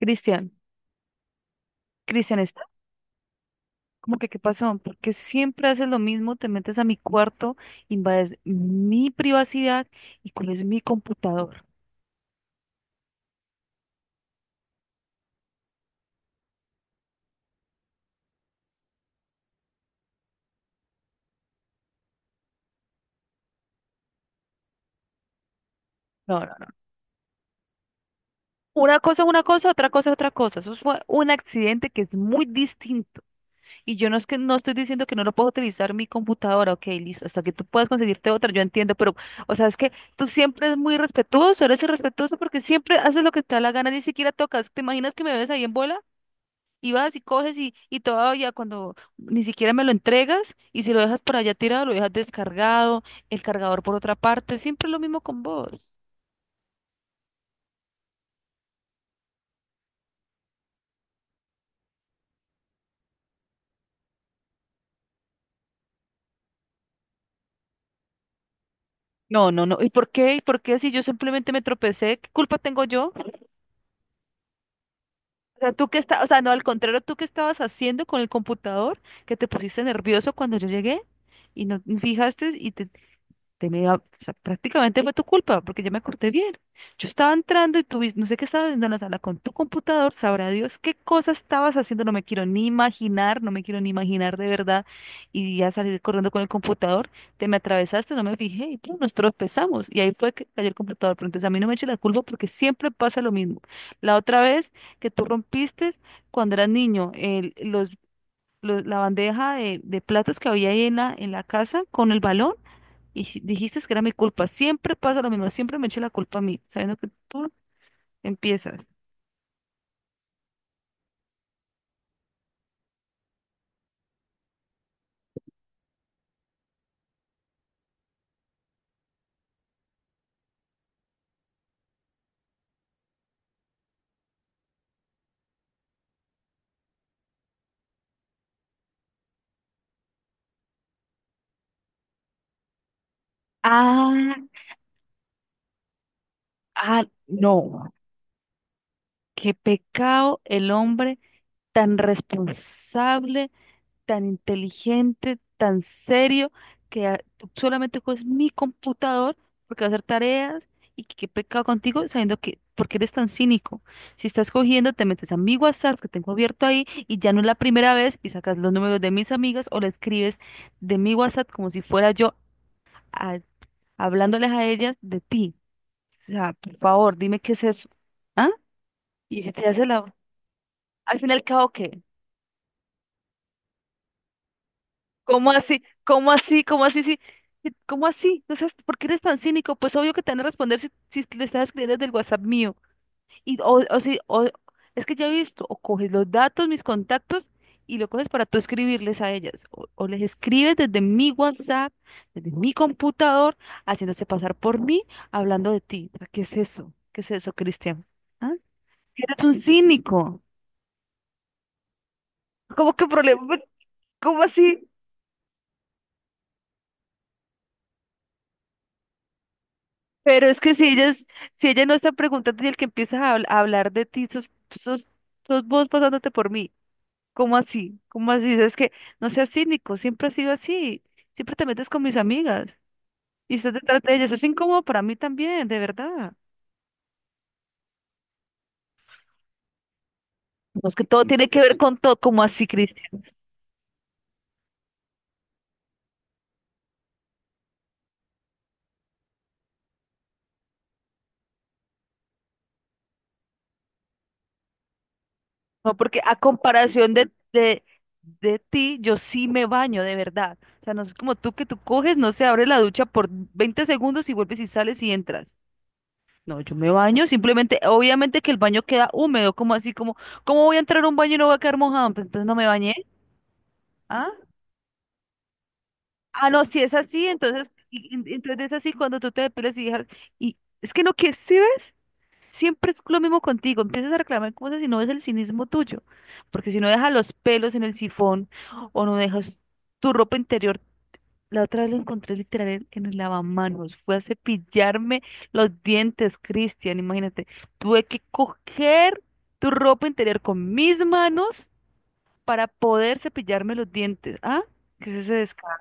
Cristian, Cristian está como que qué pasó, porque siempre haces lo mismo, te metes a mi cuarto, invades mi privacidad y cuál mi computador. No, no, no. Una cosa es una cosa, otra cosa es otra cosa. Eso fue un accidente que es muy distinto. Y yo no es que no estoy diciendo que no lo puedo utilizar mi computadora, ok, listo, hasta que tú puedas conseguirte otra, yo entiendo, pero, o sea, es que tú siempre eres muy respetuoso, eres irrespetuoso porque siempre haces lo que te da la gana, ni siquiera tocas. ¿Te imaginas que me ves ahí en bola? Y vas y coges y todavía cuando ni siquiera me lo entregas y si lo dejas por allá tirado, lo dejas descargado, el cargador por otra parte, siempre lo mismo con vos. No, no, no. ¿Y por qué? ¿Y por qué si yo simplemente me tropecé? ¿Qué culpa tengo yo? O sea, tú que estás, o sea, no, al contrario, tú que estabas haciendo con el computador, que te pusiste nervioso cuando yo llegué y no fijaste y te de media, o sea, prácticamente fue tu culpa, porque yo me corté bien. Yo estaba entrando y tú, no sé qué estabas haciendo en la sala con tu computador, sabrá Dios qué cosa estabas haciendo, no me quiero ni imaginar, no me quiero ni imaginar de verdad. Y ya salir corriendo con el computador, te me atravesaste, no me fijé y nosotros nos tropezamos. Y ahí fue que cayó el computador, pero entonces a mí no me eche la culpa porque siempre pasa lo mismo. La otra vez que tú rompiste cuando eras niño, la bandeja de platos que había ahí en la casa con el balón. Y dijiste que era mi culpa. Siempre pasa lo mismo, siempre me eché la culpa a mí, sabiendo que tú empiezas. Ah, ah, no. Qué pecado el hombre tan responsable, tan inteligente, tan serio, que tú solamente coges mi computador porque va a hacer tareas y qué pecado contigo sabiendo que, porque eres tan cínico. Si estás cogiendo, te metes a mi WhatsApp que tengo abierto ahí y ya no es la primera vez y sacas los números de mis amigas o le escribes de mi WhatsApp como si fuera yo a- hablándoles a ellas de ti. O sea, por favor, dime qué es eso. ¿Ah? Y si te hace la... Al final, ¿qué hago qué? ¿Cómo así? ¿Cómo así? ¿Cómo así? Sí, sí, ¿cómo así? No seas- ¿por qué eres tan cínico? Pues obvio que te van a responder si, si le estás escribiendo desde el WhatsApp mío. Y, o si, o, es que ya he visto, o coges los datos, mis contactos, y lo coges para tú escribirles a ellas. O les escribes desde mi WhatsApp, desde mi computador, haciéndose pasar por mí, hablando de ti. O sea, ¿qué es eso? ¿Qué es eso, Cristian? ¿Ah? Eres un cínico. ¿Cómo que problema? ¿Cómo así? Pero es que si ella, si ella no está preguntando y el que empieza a, a hablar de ti, sos, sos, sos vos pasándote por mí. ¿Cómo así? ¿Cómo así? Es que no seas cínico, siempre ha sido así. Siempre te metes con mis amigas y estás detrás de ellas. Eso es incómodo para mí también, de verdad. No, es que todo tiene que ver con todo, como así, Cristian. No, porque a comparación de ti, yo sí me baño, de verdad. O sea, no es como tú que tú coges, no se abre la ducha por 20 segundos y vuelves y sales y entras. No, yo me baño, simplemente, obviamente que el baño queda húmedo, como así, como, ¿cómo voy a entrar a un baño y no voy a quedar mojado? Pues entonces no me bañé. Ah, ah, no, si es así, entonces, entonces es así cuando tú te depilas y dejas, y es que no, ¿que si ves? Siempre es lo mismo contigo, empiezas a reclamar cosas y no ves el cinismo tuyo, porque si no dejas los pelos en el sifón o no dejas tu ropa interior. La otra vez lo encontré literal en el lavamanos. Fue a cepillarme los dientes, Cristian. Imagínate, tuve que coger tu ropa interior con mis manos para poder cepillarme los dientes. ¿Ah? ¿Qué es ese descaro?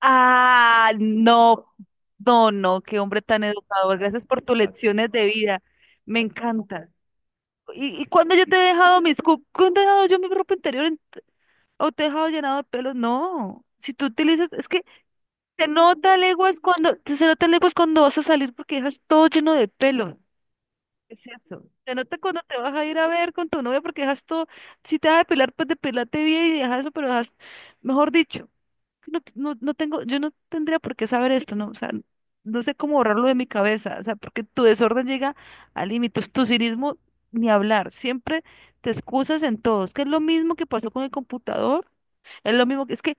Ah, no, no, no, qué hombre tan educador. Gracias por tus lecciones de vida. Me encanta. Y cuándo yo te he dejado mis ¿Cuándo he dejado yo mi ropa interior o te he dejado llenado de pelos? No. Si tú utilizas, es que se nota leguas cuando, se nota leguas cuando vas a salir porque dejas todo lleno de pelo. ¿Qué es eso? Se nota cuando te vas a ir a ver con tu novia porque dejas todo, si te vas a depilar, pues depilate bien y dejas eso, pero dejas, mejor dicho, no, no, no tengo, yo no tendría por qué saber esto, ¿no? O sea, no sé cómo borrarlo de mi cabeza, o sea, porque tu desorden llega a límites, tu cinismo ni hablar, siempre te excusas en todo, es que es lo mismo que pasó con el computador, es lo mismo, que es que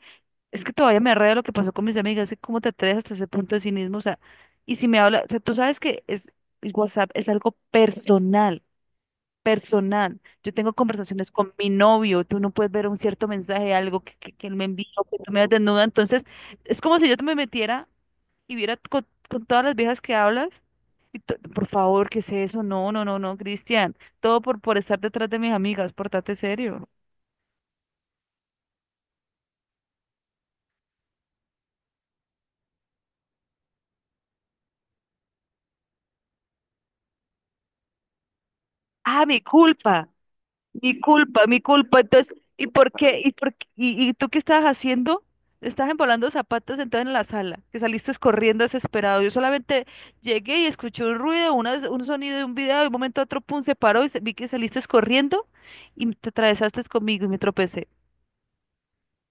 es que todavía me arrea lo que pasó con mis amigas, es que cómo te atreves hasta ese punto de cinismo, o sea, y si me habla, o sea, tú sabes que es, el WhatsApp es algo personal, personal. Yo tengo conversaciones con mi novio, tú no puedes ver un cierto mensaje, algo que él me envió, que tú me das desnuda, entonces es como si yo te me metiera y viera con todas las viejas que hablas, y por favor, ¿qué es eso? No, no, no, no, Cristian, todo por estar detrás de mis amigas, portate serio. Ah, mi culpa. Mi culpa, mi culpa. Entonces, ¿y por qué? ¿Y por qué? Y tú qué estabas haciendo? Estabas embolando zapatos entonces en la sala, que saliste corriendo desesperado. Yo solamente llegué y escuché un ruido, un sonido de un video, de un momento a otro, pum, se paró y vi que saliste corriendo y te atravesaste conmigo y me tropecé.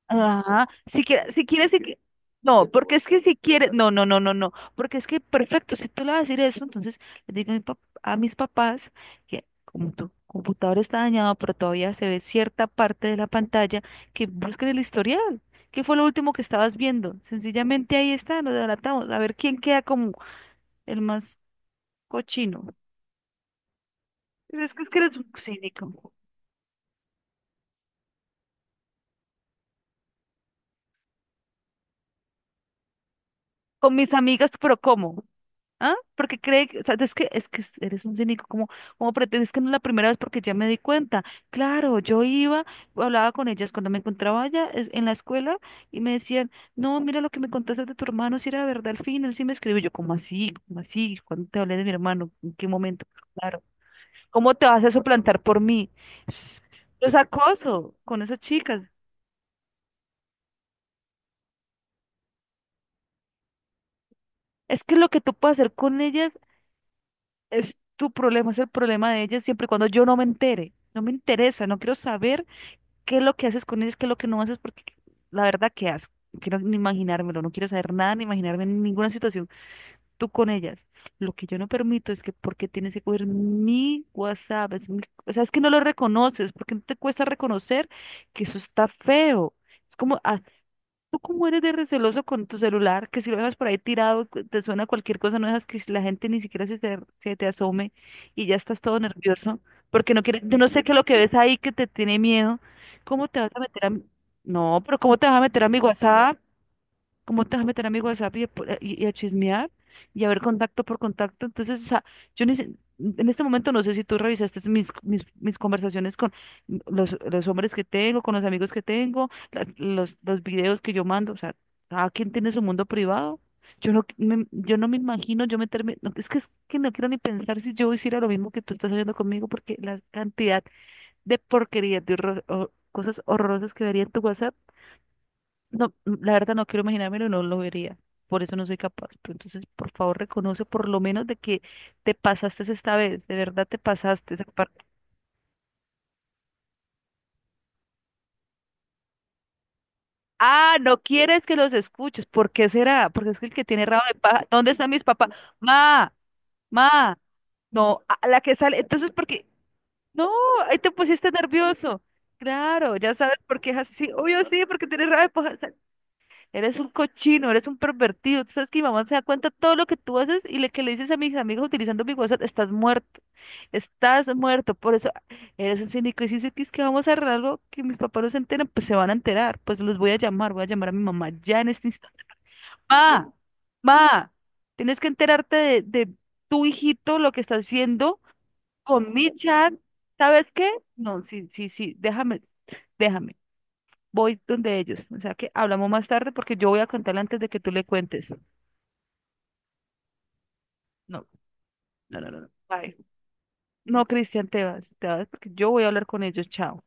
Ajá, si quieres, si quieres, no, porque es que si quieres, no, no, no, no, no, porque es que perfecto, si tú le vas a decir eso, entonces le digo a, a mis papás que como tu computador está dañado, pero todavía se ve cierta parte de la pantalla, que busquen el historial, qué fue lo último que estabas viendo, sencillamente ahí está, lo delatamos, a ver quién queda como el más cochino, pero es que eres un cínico, con mis amigas, pero ¿cómo? ¿Ah? Porque cree que, o sea, es que eres un cínico, como, como pretendes que no es la primera vez porque ya me di cuenta. Claro, yo iba, hablaba con ellas cuando me encontraba allá en la escuela y me decían, no, mira lo que me contaste de tu hermano, si era verdad al fin, él sí me escribió. Yo, ¿cómo así? ¿Cómo así? ¿Cuándo te hablé de mi hermano? ¿En qué momento? Claro. ¿Cómo te vas a suplantar por mí? Es acoso con esas chicas. Es que lo que tú puedes hacer con ellas es tu problema, es el problema de ellas siempre y cuando yo no me entere. No me interesa, no quiero saber qué es lo que haces con ellos, qué es lo que no haces, porque la verdad, ¿qué haces? No quiero ni imaginármelo, no quiero saber nada, ni imaginarme en ninguna situación tú con ellas. Lo que yo no permito es que porque tienes que coger mi WhatsApp, es o sea, es que no lo reconoces, porque no te cuesta reconocer que eso está feo. Es como ¿tú cómo eres de receloso con tu celular? Que si lo dejas por ahí tirado, te suena cualquier cosa, no dejas que la gente ni siquiera se te asome y ya estás todo nervioso, porque no quieres, yo no sé qué es lo que ves ahí que te tiene miedo. ¿Cómo te vas a meter a mi... No, pero ¿cómo te vas a meter a mi WhatsApp? ¿Cómo te vas a meter a mi WhatsApp y a, y a chismear y a ver contacto por contacto? Entonces, o sea, yo ni sé- en este momento no sé si tú revisaste mis conversaciones con los hombres que tengo, con los amigos que tengo, los videos que yo mando. O sea, cada quien tiene su mundo privado. Yo no me imagino yo meterme, no, es que no quiero ni pensar si yo hiciera lo mismo que tú estás haciendo conmigo, porque la cantidad de porquerías, de cosas horrorosas que vería en tu WhatsApp no, mm, la verdad no quiero imaginármelo, no lo vería. Por eso no soy capaz. Pero entonces, por favor, reconoce por lo menos de que te pasaste esta vez. De verdad te pasaste esa parte. Ah, no quieres que los escuches. ¿Por qué será? Porque es que el que tiene rabo de paja. ¿Dónde están mis papás? Ma, ma. No, a la que sale. Entonces, ¿por qué? No, ahí te pusiste nervioso. Claro, ya sabes por qué es así. Sí, obvio sí, porque tienes rabo de paja. Eres un cochino, eres un pervertido. Tú sabes que mi mamá se da cuenta de todo lo que tú haces y le que le dices a mis amigos utilizando mi WhatsApp, estás muerto, estás muerto. Por eso eres un cínico. Y si dices que es que vamos a arreglar algo que mis papás no se enteran, pues se van a enterar. Pues los voy a llamar a mi mamá ya en este instante. Ma, ma, tienes que enterarte de tu hijito, lo que está haciendo con mi chat. ¿Sabes qué? No, sí, sí, sí, déjame, déjame voy donde ellos. O sea que hablamos más tarde porque yo voy a contarle antes de que tú le cuentes. No, no, no, no, no. Bye. No, Cristian, te vas porque yo voy a hablar con ellos. Chao.